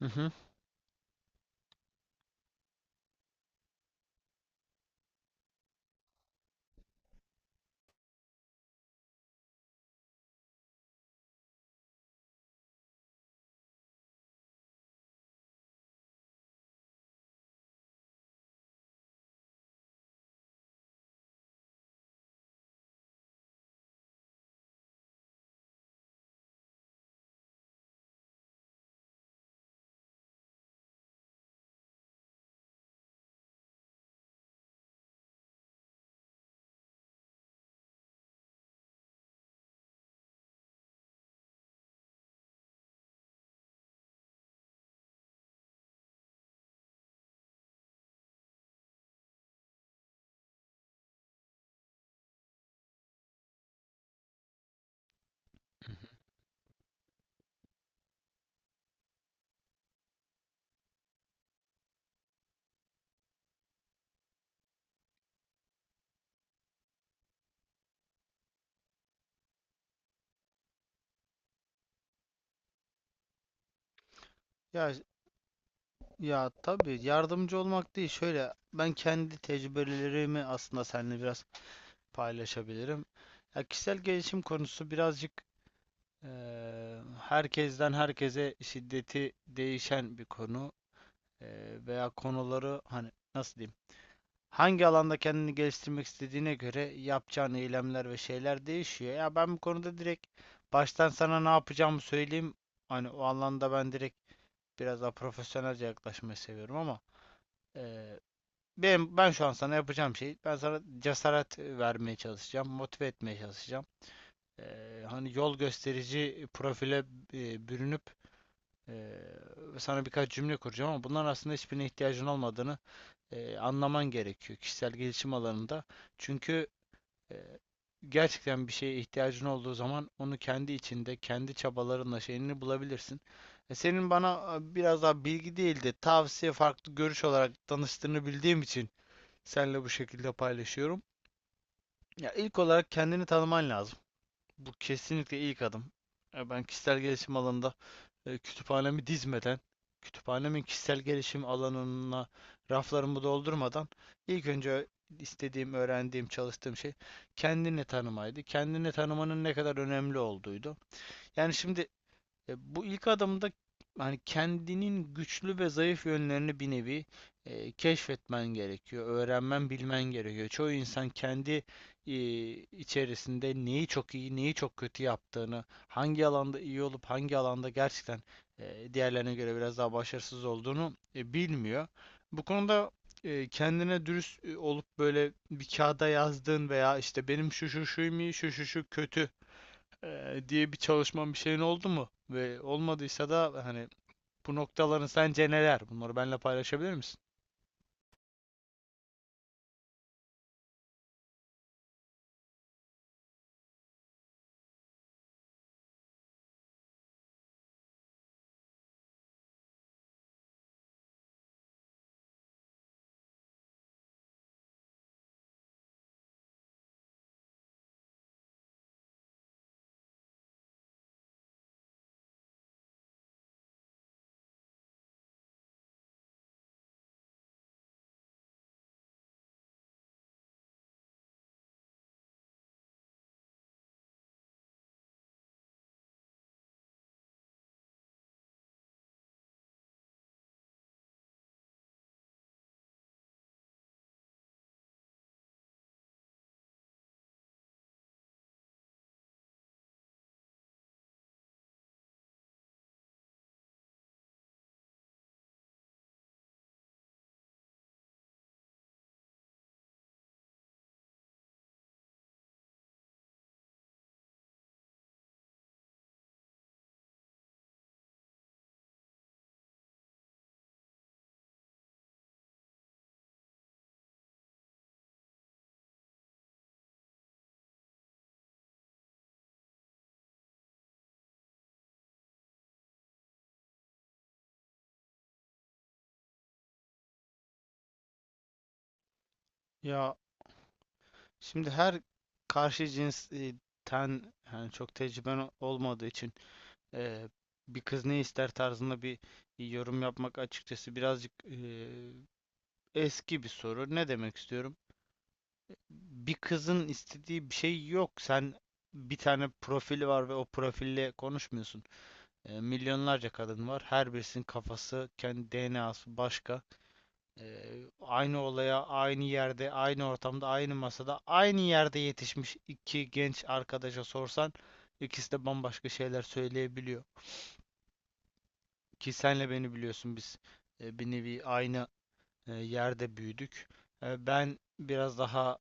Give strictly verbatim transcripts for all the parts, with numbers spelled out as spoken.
Hı hı. Ya ya tabii yardımcı olmak değil. Şöyle ben kendi tecrübelerimi aslında seninle biraz paylaşabilirim. Ya kişisel gelişim konusu birazcık eee, herkesten herkese şiddeti değişen bir konu. Eee, veya konuları hani nasıl diyeyim, hangi alanda kendini geliştirmek istediğine göre yapacağın eylemler ve şeyler değişiyor. Ya ben bu konuda direkt baştan sana ne yapacağımı söyleyeyim. Hani o alanda ben direkt biraz daha profesyonelce yaklaşmayı seviyorum ama eee benim ben şu an sana yapacağım şey, ben sana cesaret e, vermeye çalışacağım, motive etmeye çalışacağım. Eee, hani yol gösterici profile e, bürünüp eee, sana birkaç cümle kuracağım ama bunların aslında hiçbirine ihtiyacın olmadığını e, anlaman gerekiyor kişisel gelişim alanında. Çünkü e, gerçekten bir şeye ihtiyacın olduğu zaman onu kendi içinde, kendi çabalarınla şeyini bulabilirsin. E, senin bana e, biraz daha bilgi değil de tavsiye, farklı görüş olarak danıştığını bildiğim için seninle bu şekilde paylaşıyorum. Ya ilk olarak kendini tanıman lazım. Bu kesinlikle ilk adım. E, Ben kişisel gelişim alanında e, kütüphanemi dizmeden, kütüphanemin kişisel gelişim alanına raflarımı doldurmadan ilk önce istediğim, öğrendiğim, çalıştığım şey kendini tanımaydı. Kendini tanımanın ne kadar önemli olduğuydu. Yani şimdi e, bu ilk adımda hani kendinin güçlü ve zayıf yönlerini bir nevi e, keşfetmen gerekiyor, öğrenmen, bilmen gerekiyor. Çoğu insan kendi e, içerisinde neyi çok iyi, neyi çok kötü yaptığını, hangi alanda iyi olup hangi alanda gerçekten e, diğerlerine göre biraz daha başarısız olduğunu e, bilmiyor. Bu konuda e, kendine dürüst e, olup böyle bir kağıda yazdığın veya işte benim şu şu şu iyi, şu şu şu kötü e, diye bir çalışman bir şeyin oldu mu? Ve olmadıysa da hani bu noktaların sence neler? Bunları benimle paylaşabilir misin? Ya şimdi her karşı cinsten, yani çok tecrüben o- olmadığı için eee, bir kız ne ister tarzında bir yorum yapmak açıkçası birazcık eee, eski bir soru. Ne demek istiyorum? Bir kızın istediği bir şey yok. Sen, bir tane profili var ve o profille konuşmuyorsun. E, milyonlarca kadın var. Her birisinin kafası, kendi D N A'sı başka. E, Aynı olaya, aynı yerde, aynı ortamda, aynı masada, aynı yerde yetişmiş iki genç arkadaşa sorsan ikisi de bambaşka şeyler söyleyebiliyor. Ki senle beni biliyorsun, biz e, bir nevi aynı e, yerde büyüdük. E, ben biraz daha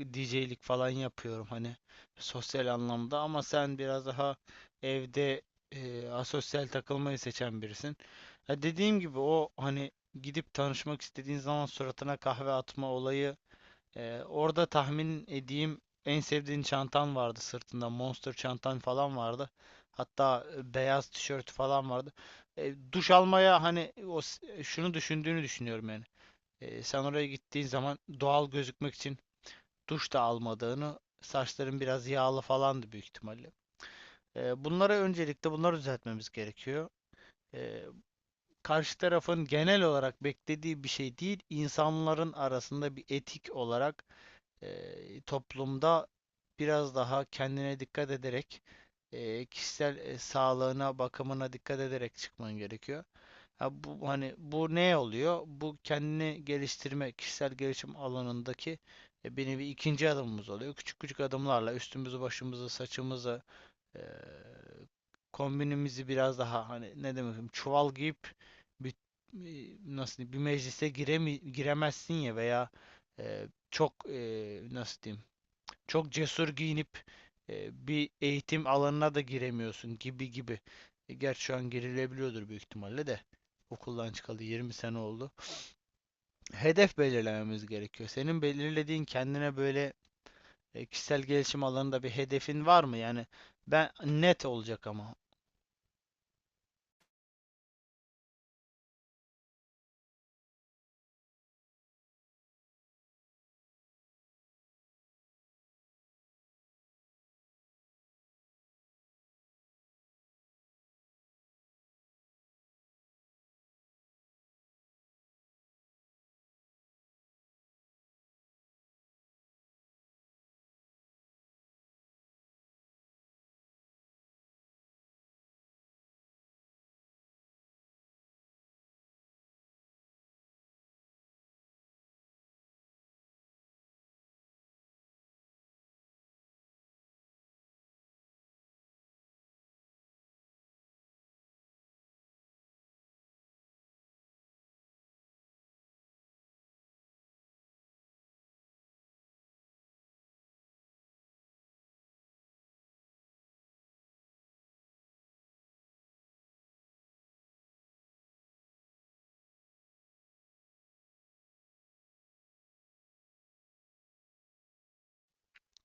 D J'lik falan yapıyorum, hani sosyal anlamda, ama sen biraz daha evde e, asosyal takılmayı seçen birisin. Ya dediğim gibi o hani gidip tanışmak istediğin zaman suratına kahve atma olayı, e, orada tahmin edeyim en sevdiğin çantan vardı sırtında, Monster çantan falan vardı. Hatta e, beyaz tişört falan vardı. E, duş almaya hani o s- e, şunu düşündüğünü düşünüyorum yani. E, sen oraya gittiğin zaman doğal gözükmek için duş da almadığını, saçların biraz yağlı falandı büyük ihtimalle. Ee, bunlara, öncelikle bunları düzeltmemiz gerekiyor. Ee, Karşı tarafın genel olarak beklediği bir şey değil, insanların arasında bir etik olarak e, toplumda biraz daha kendine dikkat ederek e, kişisel e, sağlığına, bakımına dikkat ederek çıkman gerekiyor. Ha bu hani bu ne oluyor? Bu kendini geliştirme, kişisel gelişim alanındaki e, bir nevi ikinci adımımız oluyor. Küçük küçük adımlarla üstümüzü, başımızı, saçımızı, eee kombinimizi biraz daha, hani ne demek, çuval giyip bir, nasıl diyeyim, bir meclise giremi, giremezsin ya, veya eee, çok eee, nasıl diyeyim, çok cesur giyinip eee, bir eğitim alanına da giremiyorsun gibi gibi. E, Gerçi şu an girilebiliyordur büyük ihtimalle de, okuldan çıkalı yirmi sene oldu. Hedef belirlememiz gerekiyor. Senin belirlediğin kendine böyle e, kişisel gelişim alanında bir hedefin var mı? Yani ben net olacak ama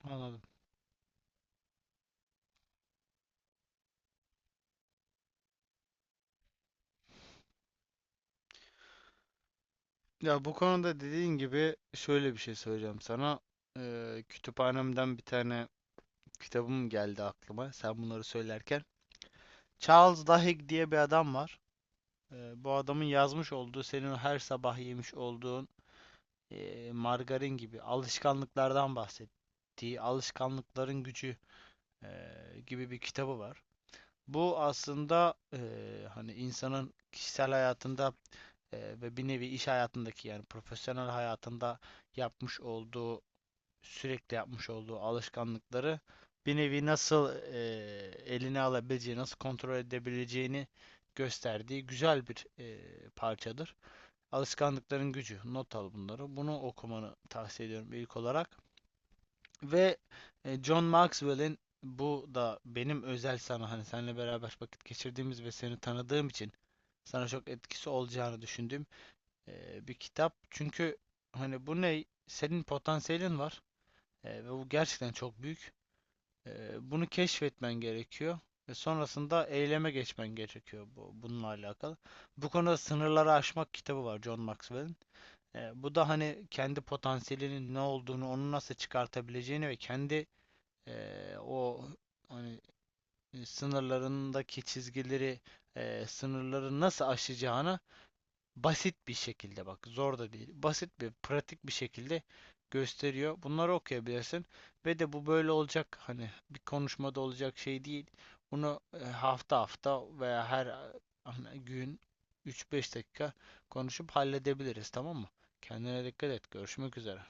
anladım. Ya bu konuda dediğin gibi şöyle bir şey söyleyeceğim sana. Ee, kütüphanemden bir tane kitabım geldi aklıma sen bunları söylerken. Charles Duhigg diye bir adam var. Ee, bu adamın yazmış olduğu, senin o her sabah yemiş olduğun e, margarin gibi alışkanlıklardan bahsettiği Alışkanlıkların Gücü e, gibi bir kitabı var. Bu aslında e, hani insanın kişisel hayatında Eee, ve bir nevi iş hayatındaki, yani profesyonel hayatında yapmış olduğu sürekli yapmış olduğu alışkanlıkları bir nevi nasıl eee, eline alabileceği, nasıl kontrol edebileceğini gösterdiği güzel bir eee, parçadır. Alışkanlıkların Gücü. Not al bunları. Bunu okumanı tavsiye ediyorum ilk olarak. Ve e, John Maxwell'in, bu da benim özel sana, hani seninle beraber vakit geçirdiğimiz ve seni tanıdığım için sana çok etkisi olacağını düşündüğüm e, bir kitap. Çünkü hani bu ne? Senin potansiyelin var. E, ve bu gerçekten çok büyük. E, Bunu keşfetmen gerekiyor ve sonrasında eyleme geçmen gerekiyor bu, bununla alakalı. Bu konuda Sınırları Aşmak kitabı var John Maxwell'in. E, bu da hani kendi potansiyelinin ne olduğunu, onu nasıl çıkartabileceğini ve kendi e, o hani e, sınırlarındaki çizgileri, e, sınırları nasıl aşacağını basit bir şekilde, bak zor da değil, basit bir pratik bir şekilde gösteriyor. Bunları okuyabilirsin. Ve de bu böyle olacak hani bir konuşmada olacak şey değil. Bunu e, hafta hafta veya her e, hani gün üç beş dakika konuşup halledebiliriz, tamam mı? Kendine dikkat et. Görüşmek üzere.